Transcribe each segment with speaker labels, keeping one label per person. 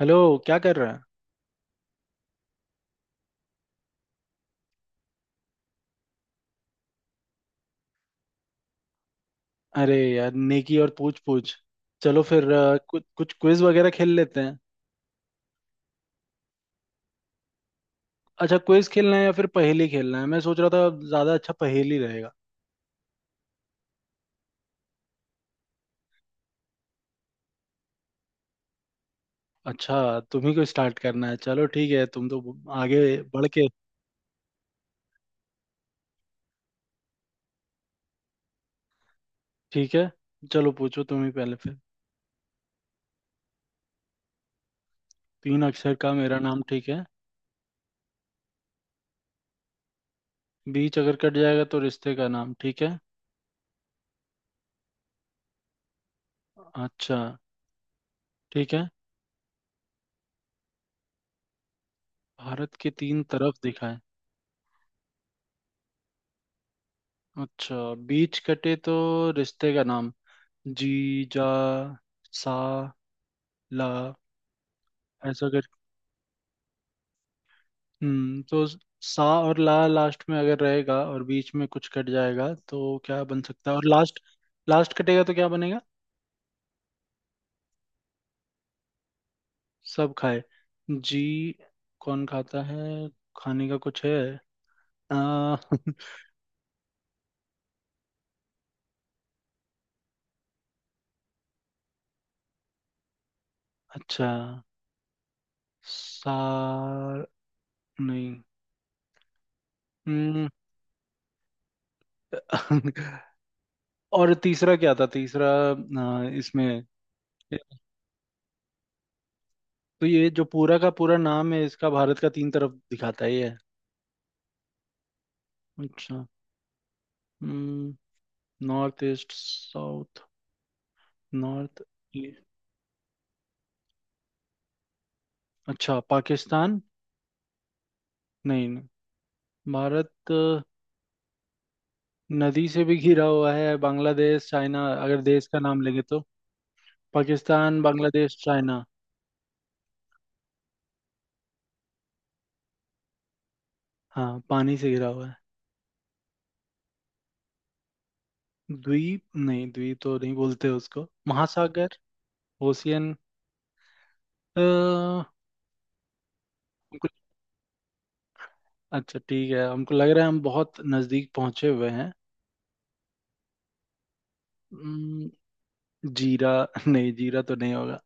Speaker 1: Hello. क्या कर रहा है? अरे यार, नेकी और पूछ पूछ। चलो फिर कुछ कुछ क्विज वगैरह खेल लेते हैं। अच्छा, क्विज खेलना है या फिर पहेली खेलना है? मैं सोच रहा था ज्यादा अच्छा पहेली रहेगा। अच्छा, तुम्ही को स्टार्ट करना है? चलो ठीक है, तुम तो आगे बढ़ के। ठीक है, चलो पूछो तुम ही पहले फिर। तीन अक्षर का मेरा नाम, ठीक है। बीच अगर कट जाएगा तो रिश्ते का नाम, ठीक है। अच्छा, ठीक है। भारत के तीन तरफ दिखाए। अच्छा, बीच कटे तो रिश्ते का नाम। जी। जा। सा। ला। ऐसा कर। हम्म, तो सा और ला लास्ट में अगर रहेगा और बीच में कुछ कट जाएगा तो क्या बन सकता है? और लास्ट, लास्ट कटेगा तो क्या बनेगा? सब खाए। जी। कौन खाता है? खाने का कुछ है? आ, अच्छा। सा। नहीं। हम्म। और तीसरा क्या था, तीसरा? इसमें तो ये जो पूरा का पूरा नाम है इसका, भारत का तीन तरफ दिखाता है ये? अच्छा, north, east, south. North. East. अच्छा, पाकिस्तान। नहीं नहीं। भारत नदी से भी घिरा हुआ है। बांग्लादेश, चाइना, अगर देश का नाम लेंगे तो। पाकिस्तान, बांग्लादेश, चाइना। हाँ, पानी से घिरा हुआ है। द्वीप? नहीं, द्वीप तो नहीं बोलते उसको। महासागर। ओशियन। हमको। अच्छा ठीक है, हमको लग रहा है हम बहुत नजदीक पहुंचे हुए हैं। अम्म, जीरा। नहीं, जीरा तो नहीं होगा।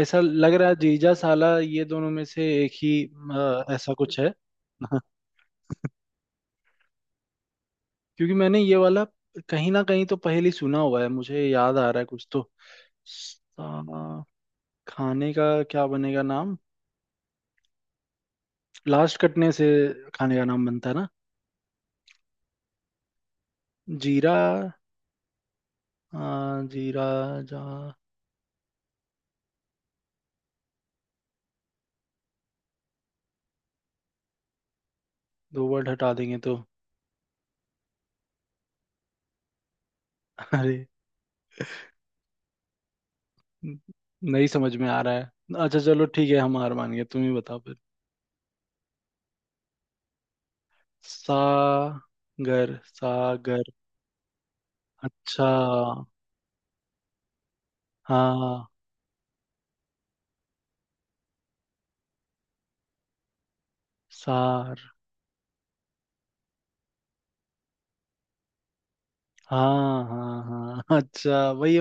Speaker 1: ऐसा लग रहा है जीजा, साला, ये दोनों में से एक ही। ऐसा कुछ है। क्योंकि मैंने ये वाला कहीं ना कहीं तो पहले ही सुना हुआ है, मुझे याद आ रहा है कुछ तो। सा- खाने का क्या बनेगा नाम? लास्ट कटने से खाने का नाम बनता है ना? जीरा। जीरा। जा। दो वर्ड हटा देंगे तो? अरे, न- नहीं समझ में आ रहा है। अच्छा चलो ठीक है, हम हार मान गए, तुम ही बताओ फिर। सागर। सागर। अच्छा। हाँ। सार। हाँ हाँ हाँ। अच्छा, वही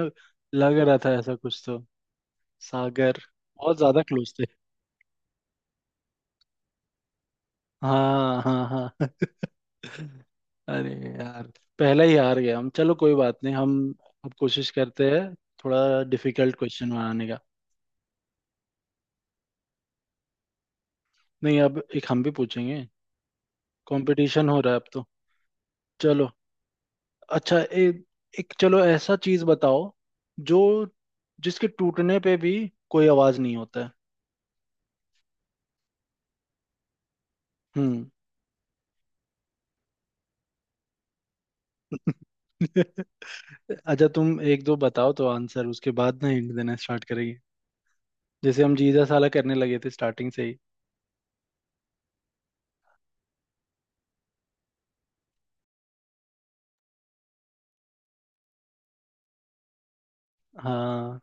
Speaker 1: लग रहा था ऐसा कुछ तो। सागर। बहुत ज्यादा क्लोज थे। हाँ हाँ हाँ। अरे यार, पहला ही हार गया हम, चलो कोई बात नहीं, हम अब कोशिश करते हैं थोड़ा डिफिकल्ट क्वेश्चन बनाने का। नहीं, अब एक हम भी पूछेंगे। कंपटीशन हो रहा है अब तो। चलो। अच्छा, एक चलो ऐसा चीज बताओ जो, जिसके टूटने पे भी कोई आवाज नहीं होता है। हम्म। अच्छा, तुम एक दो बताओ तो आंसर, उसके बाद ना हिंट देना स्टार्ट करेंगे, जैसे हम जीजा साला करने लगे थे स्टार्टिंग से ही। हाँ।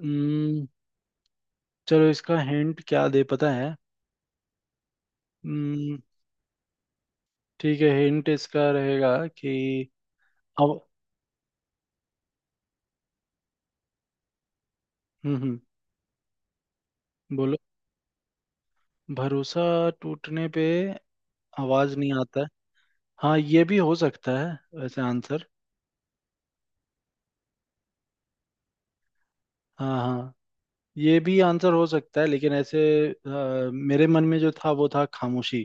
Speaker 1: हम्म, चलो इसका हिंट क्या दे, पता है। हम्म, ठीक है, हिंट इसका रहेगा कि हव- हम्म। बोलो। भरोसा टूटने पे आवाज नहीं आता है। हाँ, ये भी हो सकता है वैसे आंसर। हाँ हाँ, ये भी आंसर हो सकता है, लेकिन ऐसे मेरे मन में जो था वो था खामोशी,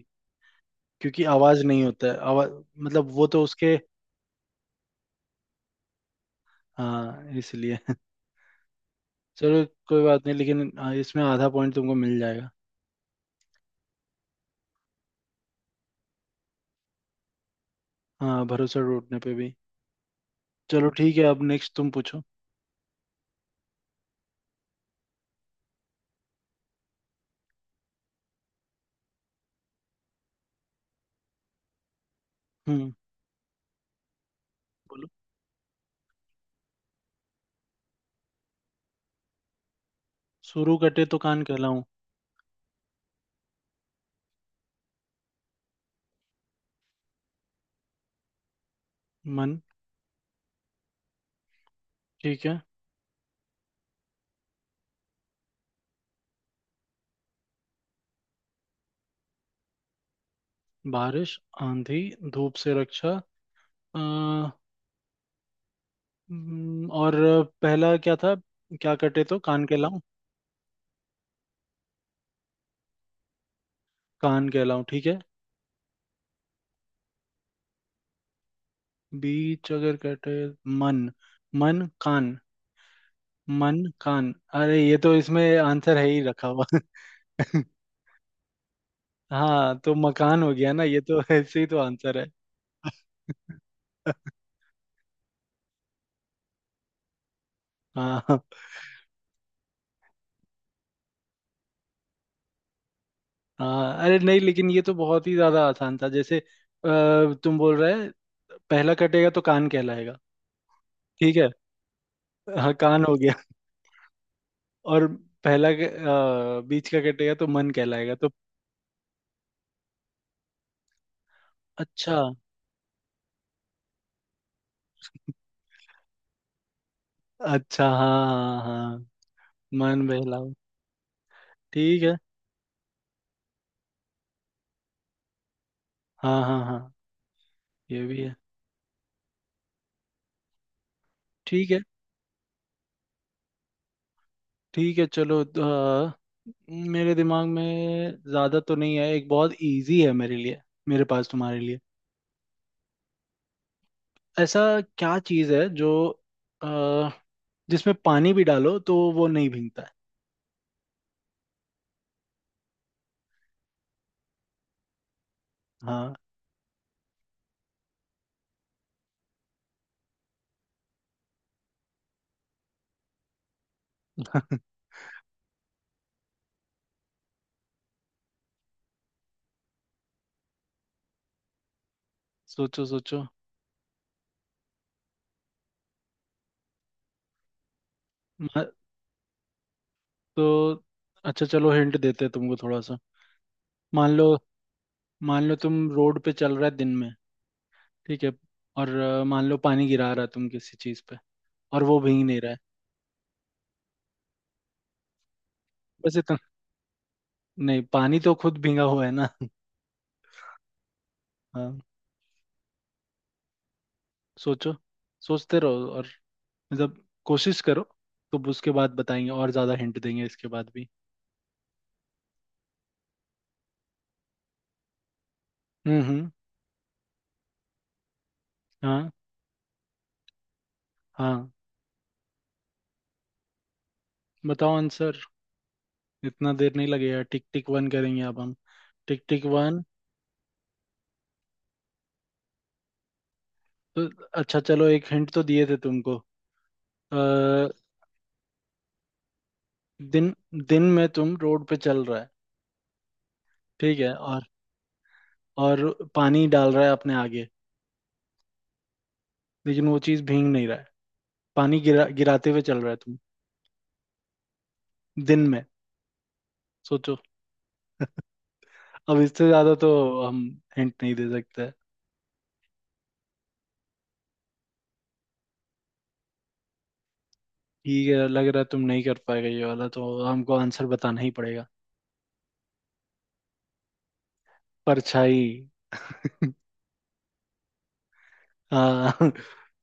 Speaker 1: क्योंकि आवाज नहीं होता है, आवाज मतलब वो तो उसके, हाँ, इसलिए। चलो कोई बात नहीं, लेकिन इसमें आधा पॉइंट तुमको मिल जाएगा। हाँ, भरोसा टूटने पे भी। चलो ठीक है, अब नेक्स्ट तुम पूछो। हम्म। बोलो। शुरू कटे तो कान कहलाऊं। मन, ठीक है। बारिश, आंधी, धूप से रक्षा। आ, और पहला क्या था? क्या कटे तो कान कहलाऊं? कान कहलाऊं, ठीक है। बीच अगर कटे, मन। मन, कान। मन, कान। अरे, ये तो इसमें आंसर है ही रखा हुआ। हाँ, तो मकान हो गया ना ये तो। ऐसे ही तो आंसर है। हाँ हाँ हाँ, अरे नहीं, लेकिन ये तो बहुत ही ज्यादा आसान था, जैसे तुम बोल रहे पहला कटेगा तो कान कहलाएगा, ठीक है। हाँ, कान हो गया और पहला बीच का कटेगा तो मन कहलाएगा तो। अच्छा। अच्छा हाँ हाँ हाँ हाँ। मन बहलाओ। ठीक है। हाँ हाँ हाँ। ये भी है। ठीक है। ठीक है, चलो तो, मेरे दिमाग में ज्यादा तो नहीं है, एक बहुत इजी है मेरे लिए, मेरे पास तुम्हारे लिए। ऐसा क्या चीज है जो अ, जिसमें पानी भी डालो तो वो नहीं भीगता है? हाँ। सोचो सोचो। म- तो अच्छा चलो, हिंट देते हैं तुमको थोड़ा सा। मान लो, मान लो तुम रोड पे चल रहा है दिन में, ठीक है। और मान लो पानी गिरा रहा है तुम किसी चीज पे, और वो भींग नहीं रहा है, बस इतना। नहीं, पानी तो खुद भींगा हुआ है ना। हाँ। सोचो, सोचते रहो, और मतलब कोशिश करो, तो उसके बाद बताएंगे और ज्यादा हिंट देंगे इसके बाद भी। हम्म। हाँ। हाँ। बताओ आंसर, इतना देर नहीं लगेगा, टिक टिक वन करेंगे अब हम। टिक टिक वन। तो अच्छा चलो, एक हिंट तो दिए थे तुमको। अ, दिन, दिन में तुम रोड पे चल रहा है, ठीक है। और पानी डाल रहा है अपने आगे, लेकिन वो चीज भींग नहीं रहा है। पानी गिरा गिराते हुए चल रहा है तुम दिन में। सोचो। अब इससे ज्यादा तो हम हिंट नहीं दे सकते। ठीक है, लग रहा है तुम नहीं कर पाएगा ये वाला, तो हमको आंसर बताना ही पड़ेगा। परछाई। हाँ,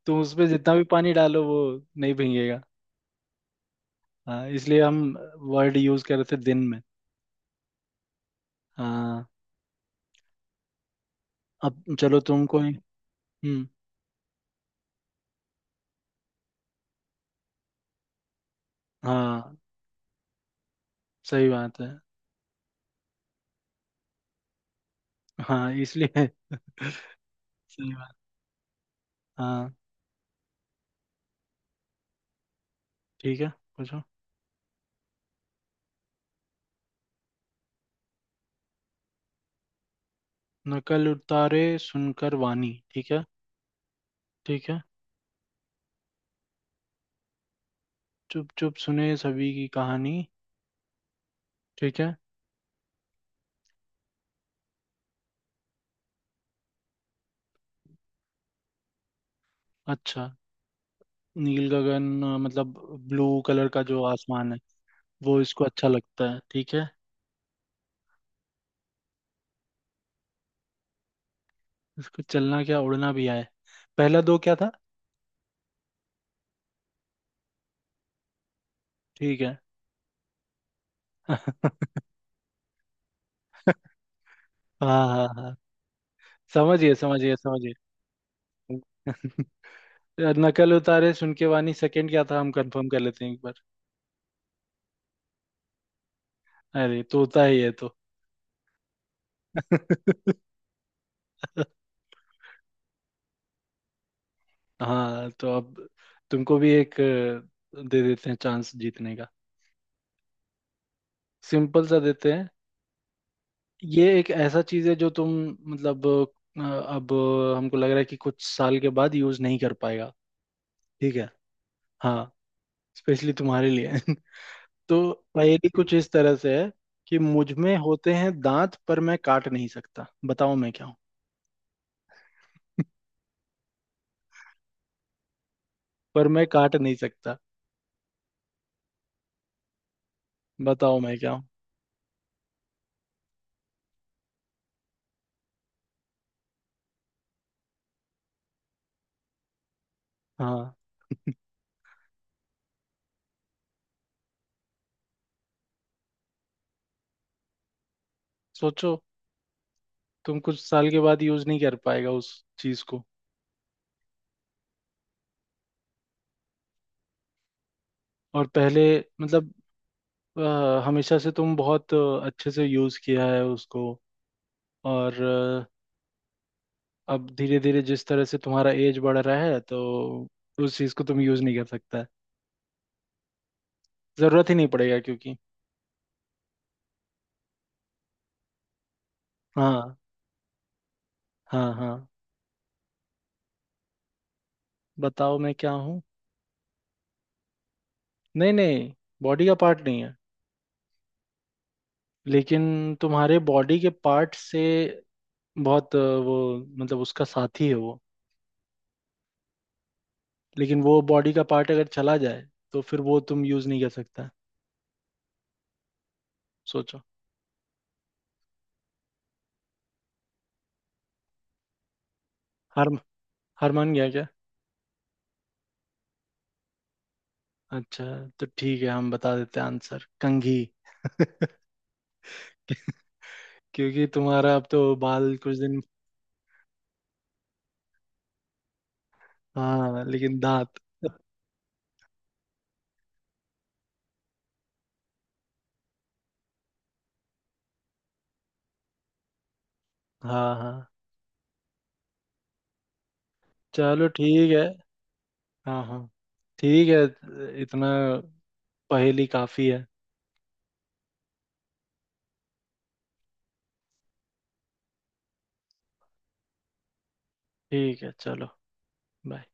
Speaker 1: तुम उसमें जितना भी पानी डालो वो नहीं भीगेगा। हाँ, इसलिए हम वर्ड यूज कर रहे थे दिन में। हाँ। अब चलो, तुम कोई। हम्म। हाँ, सही बात है। हाँ, इसलिए। सही बात। हाँ। ठीक है, पूछो। नकल उतारे सुनकर वाणी, ठीक है। ठीक है। चुप चुप सुने सभी की कहानी, ठीक है। अच्छा, नील गगन मतलब ब्लू कलर का जो आसमान है, वो इसको अच्छा लगता है, ठीक है। इसको चलना क्या उड़ना भी आए। पहला दो क्या था? ठीक है। हाँ हाँ हाँ, समझिए समझिए समझिए। नकल उतारे सुन के वानी, सेकंड क्या था, हम कंफर्म कर लेते हैं एक बार। अरे तोता ही है तो। हाँ, तो अब तुमको भी एक दे देते हैं चांस जीतने का। सिंपल सा देते हैं। ये एक ऐसा चीज है जो तुम, मतलब अब हमको लग रहा है कि कुछ साल के बाद यूज नहीं कर पाएगा, ठीक है। हाँ, स्पेशली तुम्हारे लिए। तो पहेली कुछ इस तरह से है कि मुझ में होते हैं दांत, पर मैं काट नहीं सकता, बताओ मैं क्या हूँ? पर मैं काट नहीं सकता, बताओ मैं क्या हूँ? हाँ। सोचो, तुम कुछ साल के बाद यूज नहीं कर पाएगा उस चीज को, और पहले मतलब हमेशा से तुम बहुत अच्छे से यूज किया है उसको, और अब धीरे धीरे जिस तरह से तुम्हारा एज बढ़ रहा है तो उस चीज को तुम यूज नहीं कर सकता, जरूरत ही नहीं पड़ेगा क्योंकि, हाँ हाँ हाँ, बताओ मैं क्या हूँ? नहीं नहीं, बॉडी का पार्ट नहीं है, लेकिन तुम्हारे बॉडी के पार्ट से बहुत वो मतलब उसका साथी है वो, लेकिन वो बॉडी का पार्ट अगर चला जाए तो फिर वो तुम यूज नहीं कर सकता। सोचो। हार, हार मान गया क्या? अच्छा, तो ठीक है हम बता देते हैं आंसर, कंघी। क्योंकि तुम्हारा अब तो बाल कुछ दिन, हाँ, लेकिन दांत। हाँ हाँ। चलो ठीक है। हाँ हाँ, ठीक है, इतना पहेली काफी है। ठीक है, चलो, बाय।